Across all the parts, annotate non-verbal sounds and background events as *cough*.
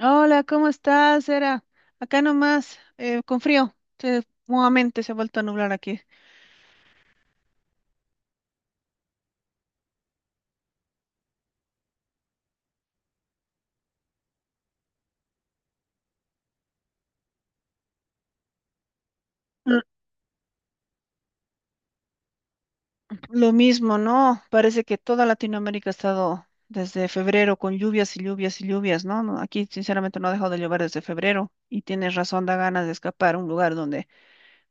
Hola, ¿cómo estás, Era? Acá nomás, con frío. Nuevamente se ha vuelto a nublar aquí. L- lo mismo, ¿no? Parece que toda Latinoamérica ha estado desde febrero con lluvias y lluvias y lluvias, ¿no? No, aquí, sinceramente, no ha dejado de llover desde febrero y tienes razón, da ganas de escapar a un lugar donde,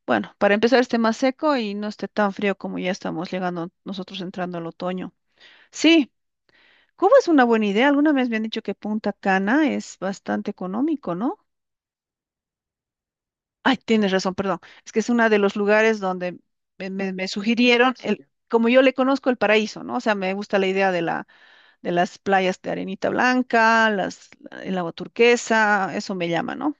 bueno, para empezar esté más seco y no esté tan frío como ya estamos llegando nosotros entrando al otoño. Sí, Cuba es una buena idea. Alguna vez me han dicho que Punta Cana es bastante económico, ¿no? Ay, tienes razón, perdón. Es que es uno de los lugares donde me sugirieron, el, como yo le conozco el paraíso, ¿no? O sea, me gusta la idea de la, de las playas de arenita blanca, las, el agua turquesa, eso me llama, ¿no?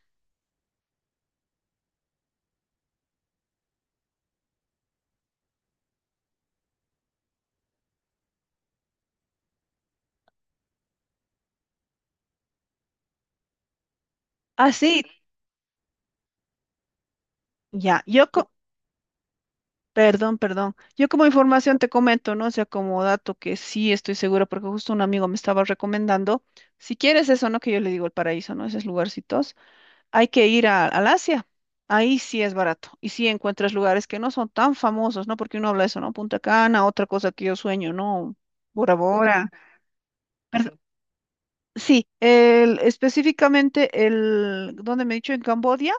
Ah, sí, ya, perdón, perdón. Yo como información te comento, ¿no? O sea, como dato que sí estoy segura, porque justo un amigo me estaba recomendando, si quieres eso, ¿no? Que yo le digo el paraíso, ¿no? Esos lugarcitos. Hay que al Asia. Ahí sí es barato. Y sí encuentras lugares que no son tan famosos, ¿no? Porque uno habla de eso, ¿no? Punta Cana, otra cosa que yo sueño, ¿no? Bora Bora. Sí, específicamente el, donde me he dicho, en Camboya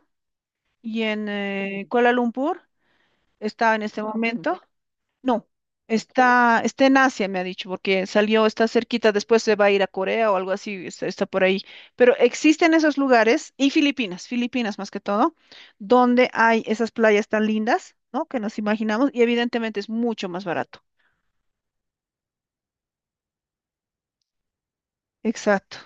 y en Kuala Lumpur, está en este momento. No, está en Asia, me ha dicho, porque salió, está cerquita, después se va a ir a Corea o algo así, está por ahí. Pero existen esos lugares, y Filipinas, Filipinas más que todo, donde hay esas playas tan lindas, ¿no? Que nos imaginamos, y evidentemente es mucho más barato. Exacto.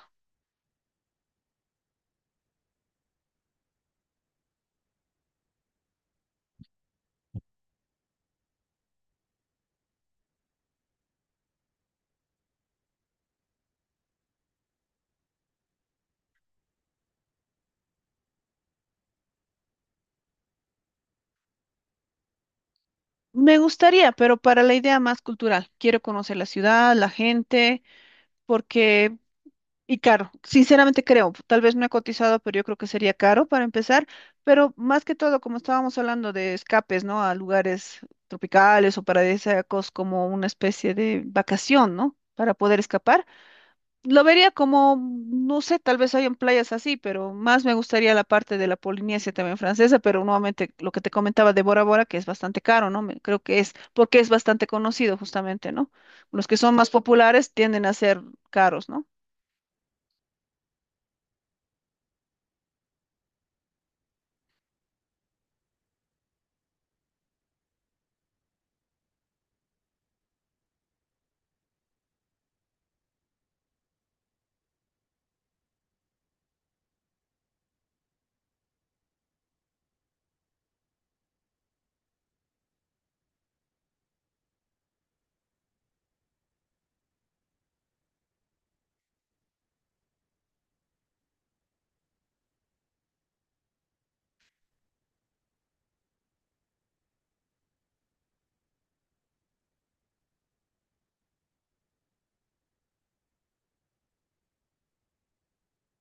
Me gustaría, pero para la idea más cultural, quiero conocer la ciudad, la gente, porque y caro, sinceramente creo, tal vez no he cotizado, pero yo creo que sería caro para empezar, pero más que todo, como estábamos hablando de escapes, ¿no? A lugares tropicales o paradisíacos como una especie de vacación, ¿no? Para poder escapar. Lo vería como, no sé, tal vez hayan playas así, pero más me gustaría la parte de la Polinesia también francesa, pero nuevamente lo que te comentaba de Bora Bora, que es bastante caro, ¿no? Creo que es porque es bastante conocido justamente, ¿no? Los que son más populares tienden a ser caros, ¿no?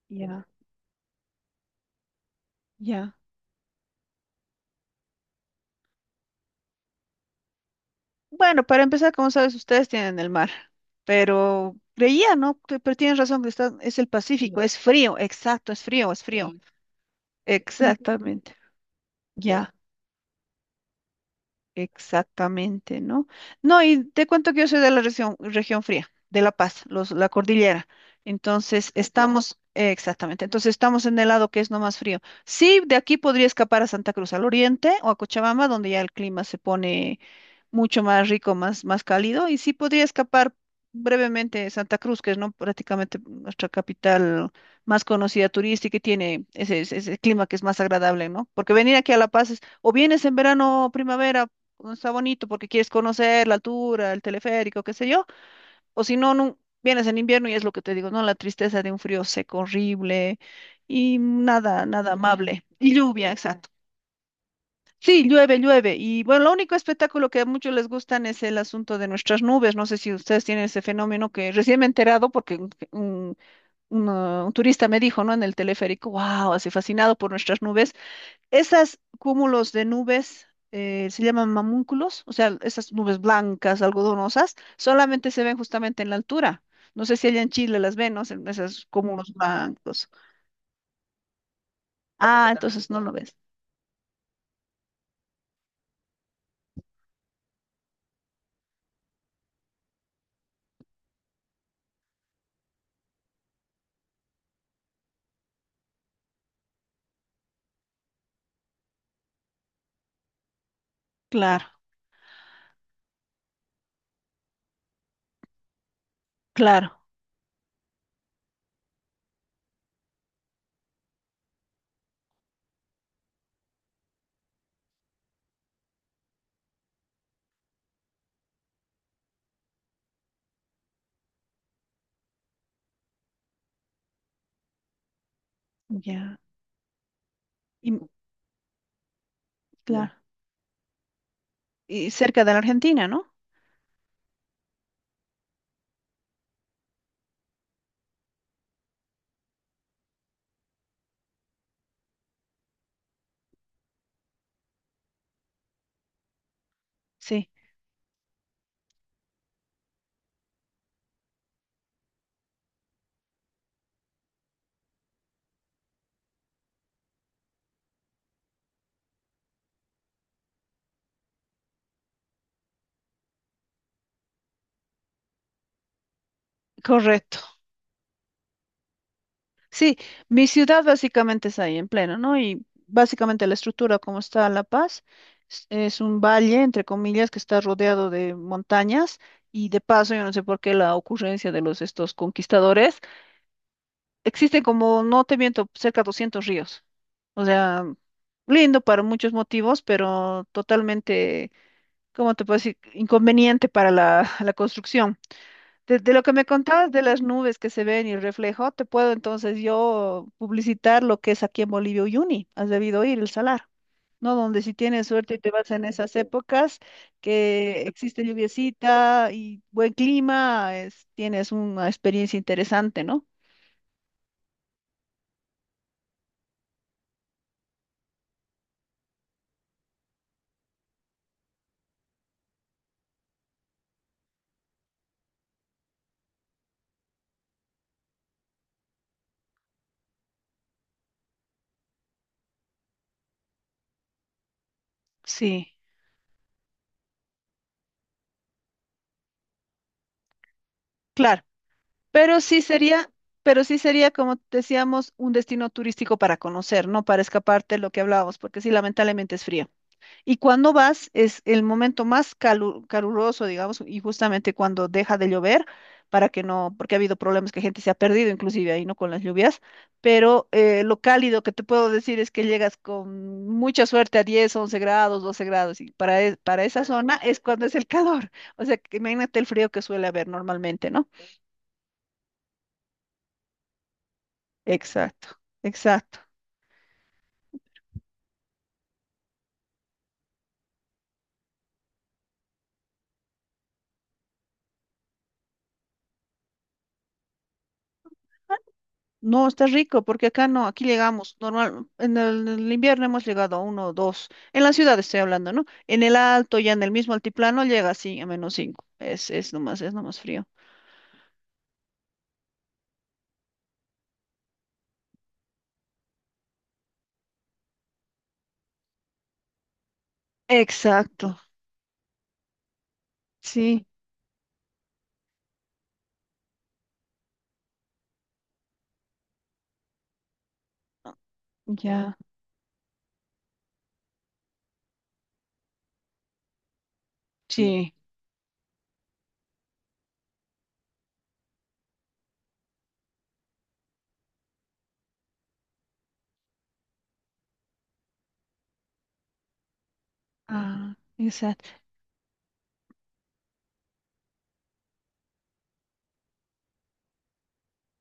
Ya, ya. Bueno, para empezar, como sabes, ustedes tienen el mar, pero creía, ¿no? Que- Pero tienes razón, que está, es el Pacífico, es frío, exacto, es frío, es frío. Sí. Exactamente, ya, exactamente, ¿no? No, y te cuento que yo soy de la región, región fría, de La Paz, los, la cordillera. Entonces, ujú. Estamos, exactamente, entonces estamos en el lado que es no más frío. Sí, de aquí podría escapar a Santa Cruz, al oriente o a Cochabamba, donde ya el clima se pone mucho más rico, más, más cálido, y sí podría escapar brevemente de Santa Cruz, que es ¿no? prácticamente nuestra capital más conocida turística y tiene ese, ese clima que es más agradable, ¿no? Porque venir aquí a La Paz es, o vienes en verano o primavera, cuando está bonito, porque quieres conocer la altura, el teleférico, qué sé yo, o si no, no, vienes en invierno y es lo que te digo, ¿no? La tristeza de un frío seco, horrible, y nada, nada amable. Y lluvia, exacto. Sí, llueve, llueve. Y bueno, lo único espectáculo que a muchos les gustan es el asunto de nuestras nubes. No sé si ustedes tienen ese fenómeno que recién me he enterado porque un turista me dijo, ¿no? En el teleférico, wow, así fascinado por nuestras nubes. Esas cúmulos de nubes se llaman mamúnculos, o sea, esas nubes blancas, algodonosas, solamente se ven justamente en la altura. No sé si allá en Chile las ven, ¿no? Esos cúmulos blancos. Ah, entonces no lo ves. Claro, claro. Ya. Y- Claro, y cerca de la Argentina, ¿no? Sí, correcto. Sí, mi ciudad básicamente es ahí en pleno, ¿no? Y básicamente la estructura como está La Paz es un valle, entre comillas, que está rodeado de montañas y de paso, yo no sé por qué la ocurrencia de los estos conquistadores, existen como, no te miento, cerca de 200 ríos. O sea, lindo para muchos motivos, pero totalmente, ¿cómo te puedo decir? Inconveniente para la, *laughs* la construcción. De lo que me contabas de las nubes que se ven y el reflejo, te puedo entonces yo publicitar lo que es aquí en Bolivia Uyuni. Has debido ir el salar, ¿no? Donde si tienes suerte y te vas en esas épocas que existe lluviecita y buen clima, tienes una experiencia interesante, ¿no? Sí, claro. Pero sí sería, pero sí sería, como decíamos, un destino turístico para conocer, no para escaparte lo que hablábamos, porque sí, lamentablemente es frío. Y cuando vas es el momento más caluroso, digamos, y justamente cuando deja de llover, para que no, porque ha habido problemas que gente se ha perdido, inclusive ahí, ¿no? Con las lluvias, pero lo cálido que te puedo decir es que llegas con mucha suerte a 10, 11 grados, 12 grados, y para, para esa zona es cuando es el calor. *laughs* O sea, que imagínate el frío que suele haber normalmente, ¿no? Exacto, exacto. No, está rico, porque acá no, aquí llegamos, normal, en el invierno hemos llegado a uno o dos, en la ciudad estoy hablando, ¿no? En el alto, ya en el mismo altiplano, llega así a -5, es nomás frío. Exacto, sí, ya, sí. Ah, exacto,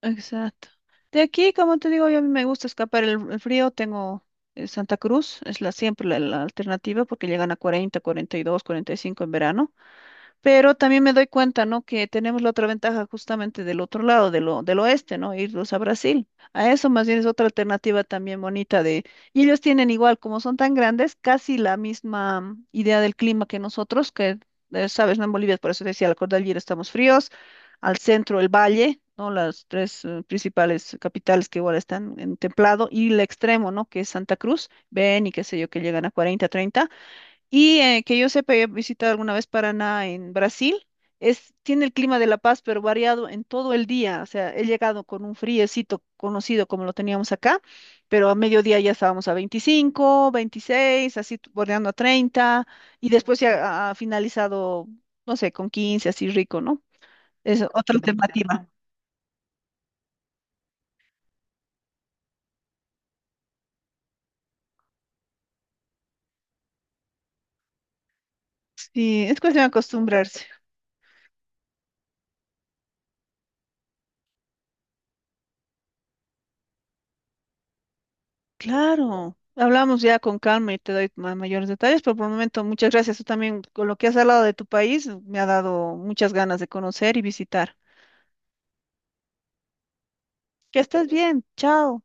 exacto. De aquí, como te digo, yo a mí me gusta escapar el frío, tengo Santa Cruz, es la siempre la, la alternativa, porque llegan a 40, 42, 45 en verano. Pero también me doy cuenta, ¿no? Que tenemos la otra ventaja justamente del otro lado, de lo, del oeste, ¿no? Irlos a Brasil. A eso más bien es otra alternativa también bonita de... Y ellos tienen igual, como son tan grandes, casi la misma idea del clima que nosotros, que, sabes, ¿no? En Bolivia, por eso decía, la cordillera estamos fríos, al centro el valle, ¿no? Las tres principales capitales que igual están en templado, y el extremo, ¿no? Que es Santa Cruz, ven y qué sé yo, que llegan a 40, 30 y que yo sepa, he visitado alguna vez Paraná en Brasil. Es, tiene el clima de La Paz, pero variado en todo el día. O sea, he llegado con un friecito conocido como lo teníamos acá, pero a mediodía ya estábamos a 25, 26, así bordeando a 30, y después se ha, ha finalizado, no sé, con 15, así rico, ¿no? Es otra alternativa. Sí, es cuestión de acostumbrarse. Claro, hablamos ya con calma y te doy mayores detalles, pero por el momento muchas gracias. Tú también, con lo que has hablado de tu país, me ha dado muchas ganas de conocer y visitar. Que estés bien, chao.